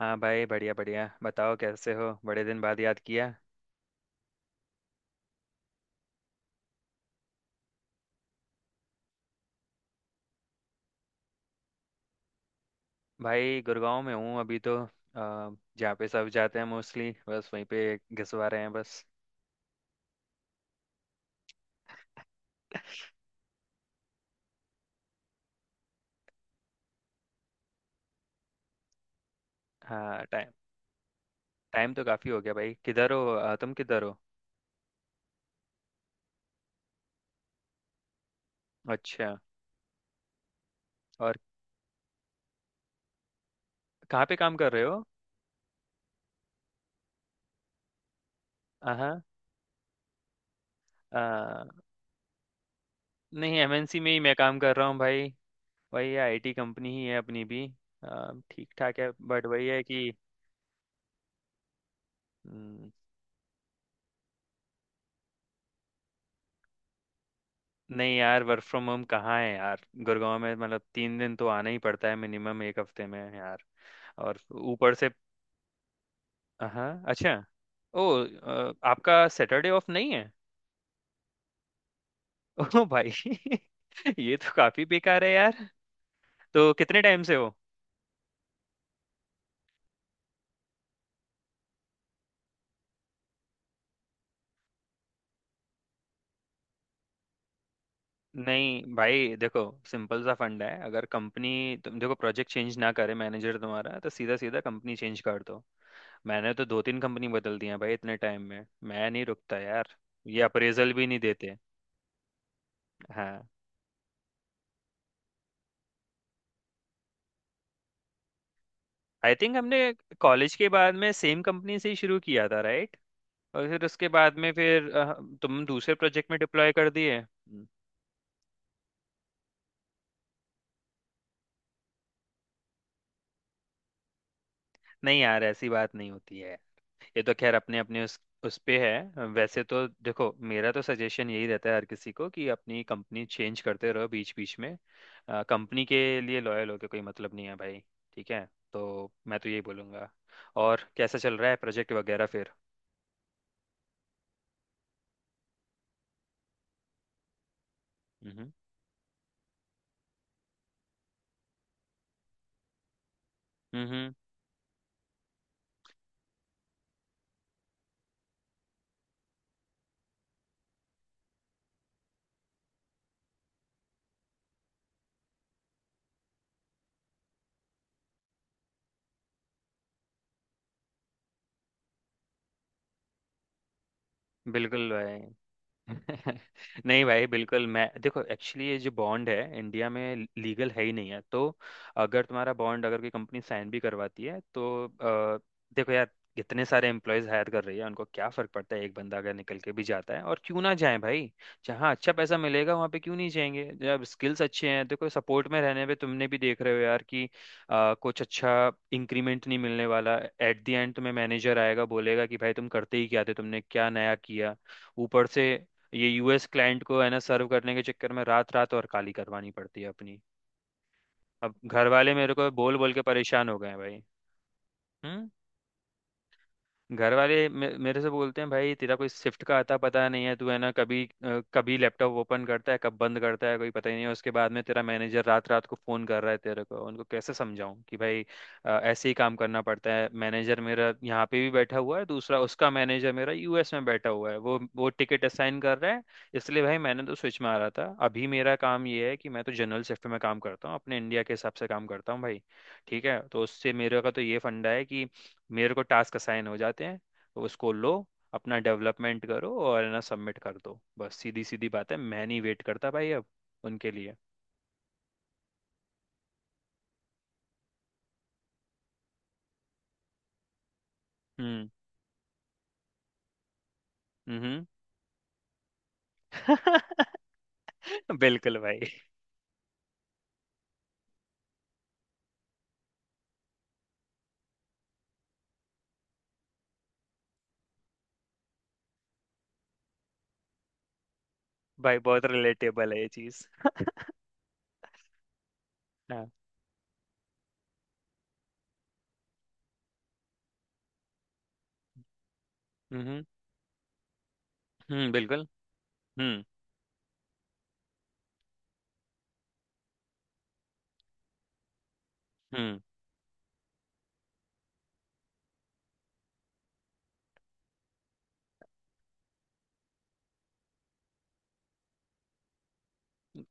हाँ भाई बढ़िया बढ़िया बताओ कैसे हो, बड़े दिन बाद याद किया। भाई गुड़गांव में हूँ अभी तो जहाँ पे सब जाते हैं मोस्टली बस वहीं पे घिसवा रहे हैं बस। हाँ, टाइम टाइम तो काफ़ी हो गया भाई। किधर हो तुम किधर हो? अच्छा। और कहाँ पे काम कर रहे हो? हाँ हाँ। अ, नहीं, MNC में ही मैं काम कर रहा हूँ भाई। वही IT कंपनी ही है अपनी भी। ठीक ठाक है, बट वही है कि। हम्म। नहीं यार, वर्क फ्रॉम होम कहाँ है यार गुड़गांव में, मतलब 3 दिन तो आना ही पड़ता है मिनिमम एक हफ्ते में यार। और ऊपर से। हाँ, अच्छा। ओ आपका सैटरडे ऑफ नहीं है? ओ भाई। ये तो काफी बेकार है यार। तो कितने टाइम से हो? नहीं भाई देखो, सिंपल सा फंड है, अगर कंपनी, तुम देखो प्रोजेक्ट चेंज ना करे मैनेजर तुम्हारा, तो सीधा सीधा कंपनी चेंज कर दो। मैंने तो दो तीन कंपनी बदल दी है भाई इतने टाइम में। मैं नहीं रुकता यार। ये अप्रेजल भी नहीं देते। हाँ। आई थिंक हमने कॉलेज के बाद में सेम कंपनी से ही शुरू किया था, राइट? और फिर उसके बाद में फिर तुम दूसरे प्रोजेक्ट में डिप्लॉय कर दिए। हम्म। नहीं यार, ऐसी बात नहीं होती है। ये तो खैर अपने अपने उस पे है। वैसे तो देखो मेरा तो सजेशन यही रहता है हर किसी को, कि अपनी कंपनी चेंज करते रहो बीच बीच में। कंपनी के लिए लॉयल होके कोई मतलब नहीं है भाई। ठीक है, तो मैं तो यही बोलूंगा। और कैसा चल रहा है प्रोजेक्ट वगैरह फिर? हम्म। हम्म। हम्म। बिल्कुल भाई। नहीं भाई बिल्कुल। मैं देखो, एक्चुअली ये जो बॉन्ड है इंडिया में, लीगल है ही नहीं है। तो अगर तुम्हारा बॉन्ड अगर कोई कंपनी साइन भी करवाती है तो देखो यार, इतने सारे एम्प्लॉयज हायर कर रही है, उनको क्या फर्क पड़ता है एक बंदा अगर निकल के भी जाता है। और क्यों ना जाए भाई, जहाँ अच्छा पैसा मिलेगा वहाँ पे क्यों नहीं जाएंगे, जब स्किल्स अच्छे हैं। देखो सपोर्ट में रहने पे तुमने भी देख रहे हो यार कि कुछ अच्छा इंक्रीमेंट नहीं मिलने वाला एट द एंड। तुम्हें मैनेजर आएगा बोलेगा कि भाई तुम करते ही क्या थे, तुमने क्या नया किया। ऊपर से ये US क्लाइंट को है ना सर्व करने के चक्कर में, रात रात और काली करवानी पड़ती है अपनी। अब घर वाले मेरे को बोल बोल के परेशान हो गए हैं भाई। हम्म? घर वाले मेरे से बोलते हैं भाई, तेरा कोई शिफ्ट का आता पता नहीं है, तू है ना कभी कभी लैपटॉप ओपन करता है कब बंद करता है, कोई पता ही नहीं है। उसके बाद में तेरा मैनेजर रात रात को फोन कर रहा है तेरे को। उनको कैसे समझाऊं कि भाई ऐसे ही काम करना पड़ता है। मैनेजर मेरा यहाँ पे भी बैठा हुआ है दूसरा, उसका मैनेजर मेरा US में बैठा हुआ है, वो टिकट असाइन कर रहा है। इसलिए भाई मैंने तो स्विच मारा था। अभी मेरा काम ये है कि मैं तो जनरल शिफ्ट में काम करता हूँ, अपने इंडिया के हिसाब से काम करता हूँ भाई। ठीक है, तो उससे मेरे का तो ये फंडा है कि मेरे को टास्क असाइन हो जाते हैं तो उसको लो, अपना डेवलपमेंट करो और है ना सबमिट कर दो, बस सीधी सीधी बात है। मैं नहीं वेट करता भाई अब उनके लिए। हम्म। हम्म। बिल्कुल भाई। भाई बहुत रिलेटेबल है ये चीज़। हाँ। हम्म। हम्म। बिल्कुल। हम्म। हम्म।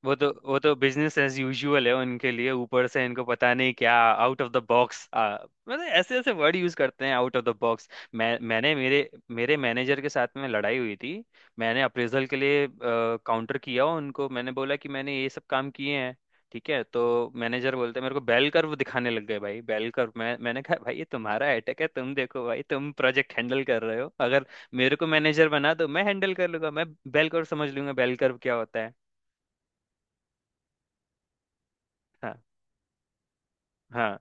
वो तो बिजनेस एज यूजुअल है उनके लिए। ऊपर से इनको पता नहीं क्या आउट ऑफ द बॉक्स, मतलब ऐसे ऐसे वर्ड यूज करते हैं, आउट ऑफ द बॉक्स। मैंने मेरे मेरे मैनेजर के साथ में लड़ाई हुई थी। मैंने अप्रेजल के लिए काउंटर किया उनको, मैंने बोला कि मैंने ये सब काम किए हैं। ठीक है तो मैनेजर बोलते हैं मेरे को, बेल कर्व दिखाने लग गए भाई बेल कर्व। मैंने कहा भाई ये तुम्हारा अटैक है। तुम देखो भाई तुम प्रोजेक्ट हैंडल कर रहे हो, अगर मेरे को मैनेजर बना दो, मैं हैंडल कर लूंगा। मैं बेल कर्व समझ लूंगा, बेल कर्व क्या होता है। हाँ। हाँ।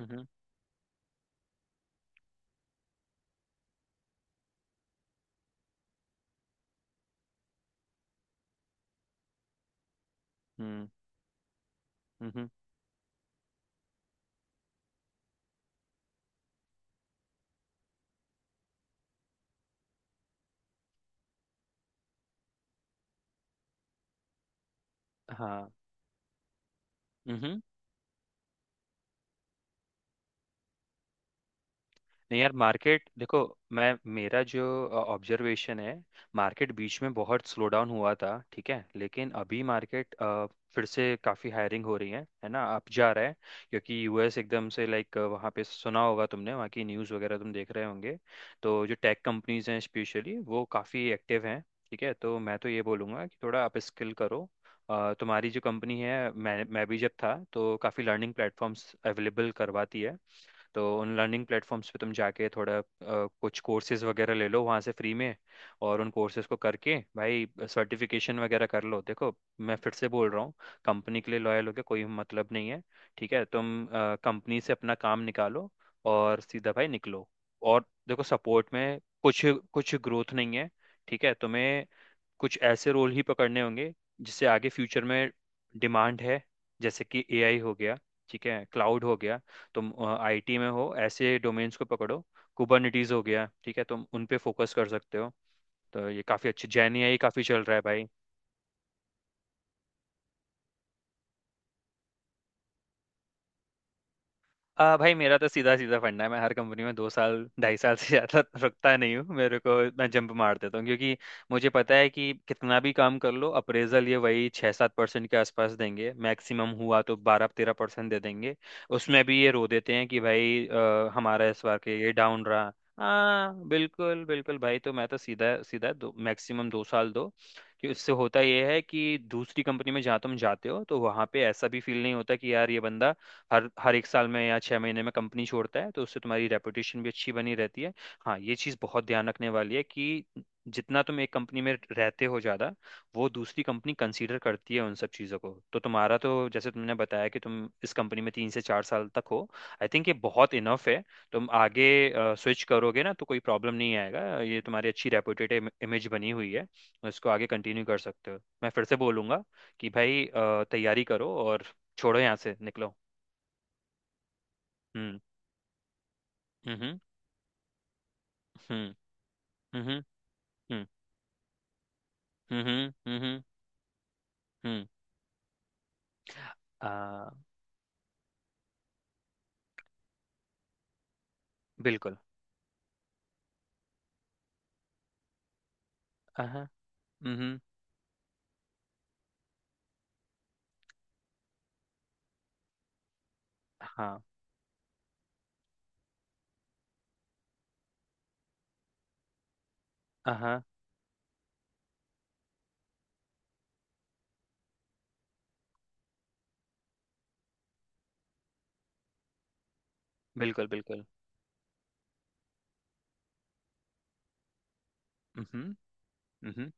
हम्म। हम्म। हम्म। हम्म। हाँ। हम्म। नहीं यार मार्केट देखो। मैं मेरा जो ऑब्जर्वेशन है, मार्केट बीच में बहुत स्लो डाउन हुआ था, ठीक है। लेकिन अभी मार्केट फिर से काफ़ी हायरिंग हो रही है ना, अप जा रहा है। क्योंकि US एकदम से, लाइक वहाँ पे सुना होगा तुमने, वहाँ की न्यूज़ वगैरह तुम देख रहे होंगे। तो जो टेक कंपनीज हैं स्पेशली, वो काफ़ी एक्टिव हैं। ठीक है, तो मैं तो ये बोलूँगा कि थोड़ा आप स्किल करो। तुम्हारी जो कंपनी है, मैं भी जब था तो काफ़ी लर्निंग प्लेटफॉर्म्स अवेलेबल करवाती है। तो उन लर्निंग प्लेटफॉर्म्स पे तुम जाके थोड़ा कुछ कोर्सेज वगैरह ले लो वहाँ से फ्री में। और उन कोर्सेज को करके भाई सर्टिफिकेशन वगैरह कर लो। देखो मैं फिर से बोल रहा हूँ, कंपनी के लिए लॉयल होके कोई मतलब नहीं है। ठीक है, तुम कंपनी से अपना काम निकालो और सीधा भाई निकलो। और देखो सपोर्ट में कुछ कुछ ग्रोथ नहीं है। ठीक है, तुम्हें कुछ ऐसे रोल ही पकड़ने होंगे जिससे आगे फ्यूचर में डिमांड है। जैसे कि AI हो गया, ठीक है, क्लाउड हो गया, तुम IT में हो, ऐसे डोमेन्स को पकड़ो, कुबरनिटीज हो गया। ठीक है, तुम उन पे फोकस कर सकते हो। तो ये काफ़ी अच्छी, जेन AI काफ़ी चल रहा है भाई। आ भाई, मेरा तो सीधा सीधा फंडा है, मैं हर कंपनी में 2 साल, 2.5 साल से ज़्यादा रुकता नहीं हूँ। मेरे को मैं जंप मार देता हूँ क्योंकि मुझे पता है कि कितना भी काम कर लो अप्रेजल ये वही 6-7% के आसपास देंगे, मैक्सिमम हुआ तो 12-13% दे देंगे। उसमें भी ये रो देते हैं कि भाई हमारा इस बार के ये डाउन रहा। हाँ, बिल्कुल बिल्कुल भाई। तो मैं तो सीधा सीधा दो, मैक्सिमम 2 साल दो, कि उससे होता यह है कि दूसरी कंपनी में जहाँ तुम जाते हो तो वहाँ पे ऐसा भी फील नहीं होता कि यार ये बंदा हर हर एक साल में या 6 महीने में कंपनी छोड़ता है। तो उससे तुम्हारी रेपुटेशन भी अच्छी बनी रहती है। हाँ, ये चीज़ बहुत ध्यान रखने वाली है, कि जितना तुम एक कंपनी में रहते हो ज़्यादा, वो दूसरी कंपनी कंसीडर करती है उन सब चीज़ों को। तो तुम्हारा तो जैसे तुमने बताया कि तुम इस कंपनी में 3 से 4 साल तक हो। आई थिंक ये बहुत इनफ है। तुम आगे स्विच करोगे ना तो कोई प्रॉब्लम नहीं आएगा। ये तुम्हारी अच्छी रेपुटेड इमेज बनी हुई है, इसको आगे कंटिन्यू कर सकते हो। मैं फिर से बोलूँगा कि भाई तैयारी करो और छोड़ो यहाँ से निकलो। हम्म। हम्म। हम्म। हम्म। हम्म। हम्म। हम्म। हम्म। आ। बिल्कुल। अहाँ। हम्म। हाँ। अहाँ। बिल्कुल। बिल्कुल। हम्म। हम्म।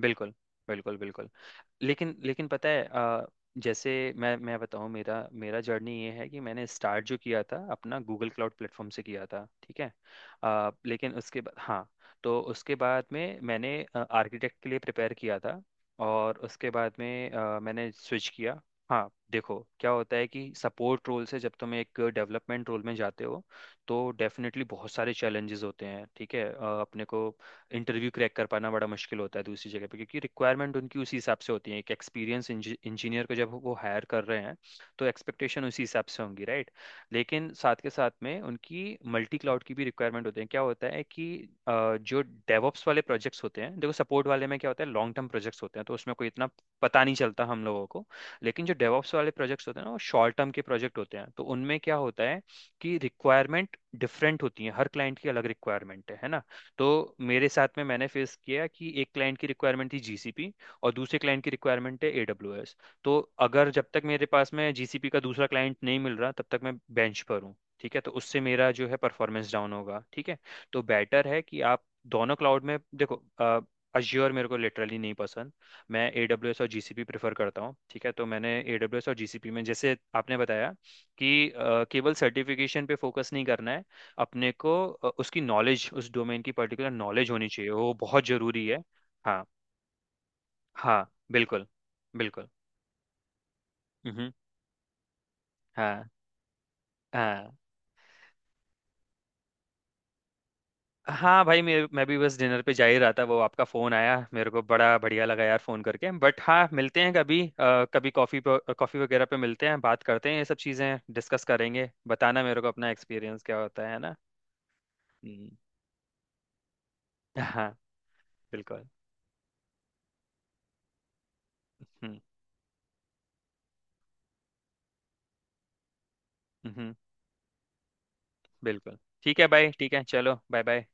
बिल्कुल। बिल्कुल। बिल्कुल। लेकिन लेकिन पता है जैसे मैं बताऊं, मेरा मेरा जर्नी ये है कि मैंने स्टार्ट जो किया था अपना गूगल क्लाउड प्लेटफॉर्म से किया था, ठीक है। लेकिन उसके बाद, हाँ, तो उसके बाद में मैंने आर्किटेक्ट के लिए प्रिपेयर किया था और उसके बाद में मैंने स्विच किया। हाँ देखो क्या होता है कि सपोर्ट रोल से जब तुम एक डेवलपमेंट रोल में जाते हो तो डेफिनेटली बहुत सारे चैलेंजेस होते हैं, ठीक है। अपने को इंटरव्यू क्रैक कर पाना बड़ा मुश्किल होता है दूसरी जगह पे, क्योंकि रिक्वायरमेंट उनकी उसी हिसाब से होती है, एक एक्सपीरियंस इंजीनियर को जब वो हायर कर रहे हैं तो एक्सपेक्टेशन उसी हिसाब से होंगी, राइट। लेकिन साथ के साथ में उनकी मल्टी क्लाउड की भी रिक्वायरमेंट होती है। क्या होता है कि अ, जो डेवॉप्स वाले प्रोजेक्ट्स होते हैं, देखो सपोर्ट वाले में क्या होता है, लॉन्ग टर्म प्रोजेक्ट्स होते हैं तो उसमें कोई इतना पता नहीं चलता हम लोगों को। लेकिन जो डेवॉप्स वाले प्रोजेक्ट्स होते हैं ना, वो शॉर्ट टर्म के प्रोजेक्ट होते हैं तो उनमें क्या होता है कि रिक्वायरमेंट डिफरेंट होती है, हर क्लाइंट की अलग रिक्वायरमेंट है ना। तो मेरे साथ में मैंने फेस किया कि एक क्लाइंट की रिक्वायरमेंट थी GCP, और दूसरे क्लाइंट की रिक्वायरमेंट है AWS। तो अगर, जब तक मेरे पास में GCP का दूसरा क्लाइंट नहीं मिल रहा तब तक मैं बेंच पर हूँ, ठीक है, तो उससे मेरा जो है परफॉर्मेंस डाउन होगा, ठीक है। तो बेटर है कि आप दोनों क्लाउड में देखो। अज्योर मेरे को लिटरली नहीं पसंद। मैं AWS और GCP प्रेफर करता हूँ, ठीक है। तो मैंने AWS और जी सी पी में, जैसे आपने बताया कि केवल सर्टिफिकेशन पे फोकस नहीं करना है, अपने को उसकी नॉलेज, उस डोमेन की पर्टिकुलर नॉलेज होनी चाहिए, वो बहुत जरूरी है। हाँ। हाँ बिल्कुल। बिल्कुल। हम्म। हाँ। हाँ। हाँ भाई, मैं भी बस डिनर पे जा ही रहा था, वो आपका फ़ोन आया। मेरे को बड़ा बढ़िया लगा यार फ़ोन करके। बट हाँ मिलते हैं कभी कभी, कॉफ़ी कॉफ़ी वगैरह पे मिलते हैं, बात करते हैं, ये सब चीज़ें डिस्कस करेंगे। बताना मेरे को अपना एक्सपीरियंस क्या होता है, ना। हम्म। हाँ बिल्कुल। हम्म। हम्म। बिल्कुल। ठीक है भाई, ठीक है, चलो बाय बाय।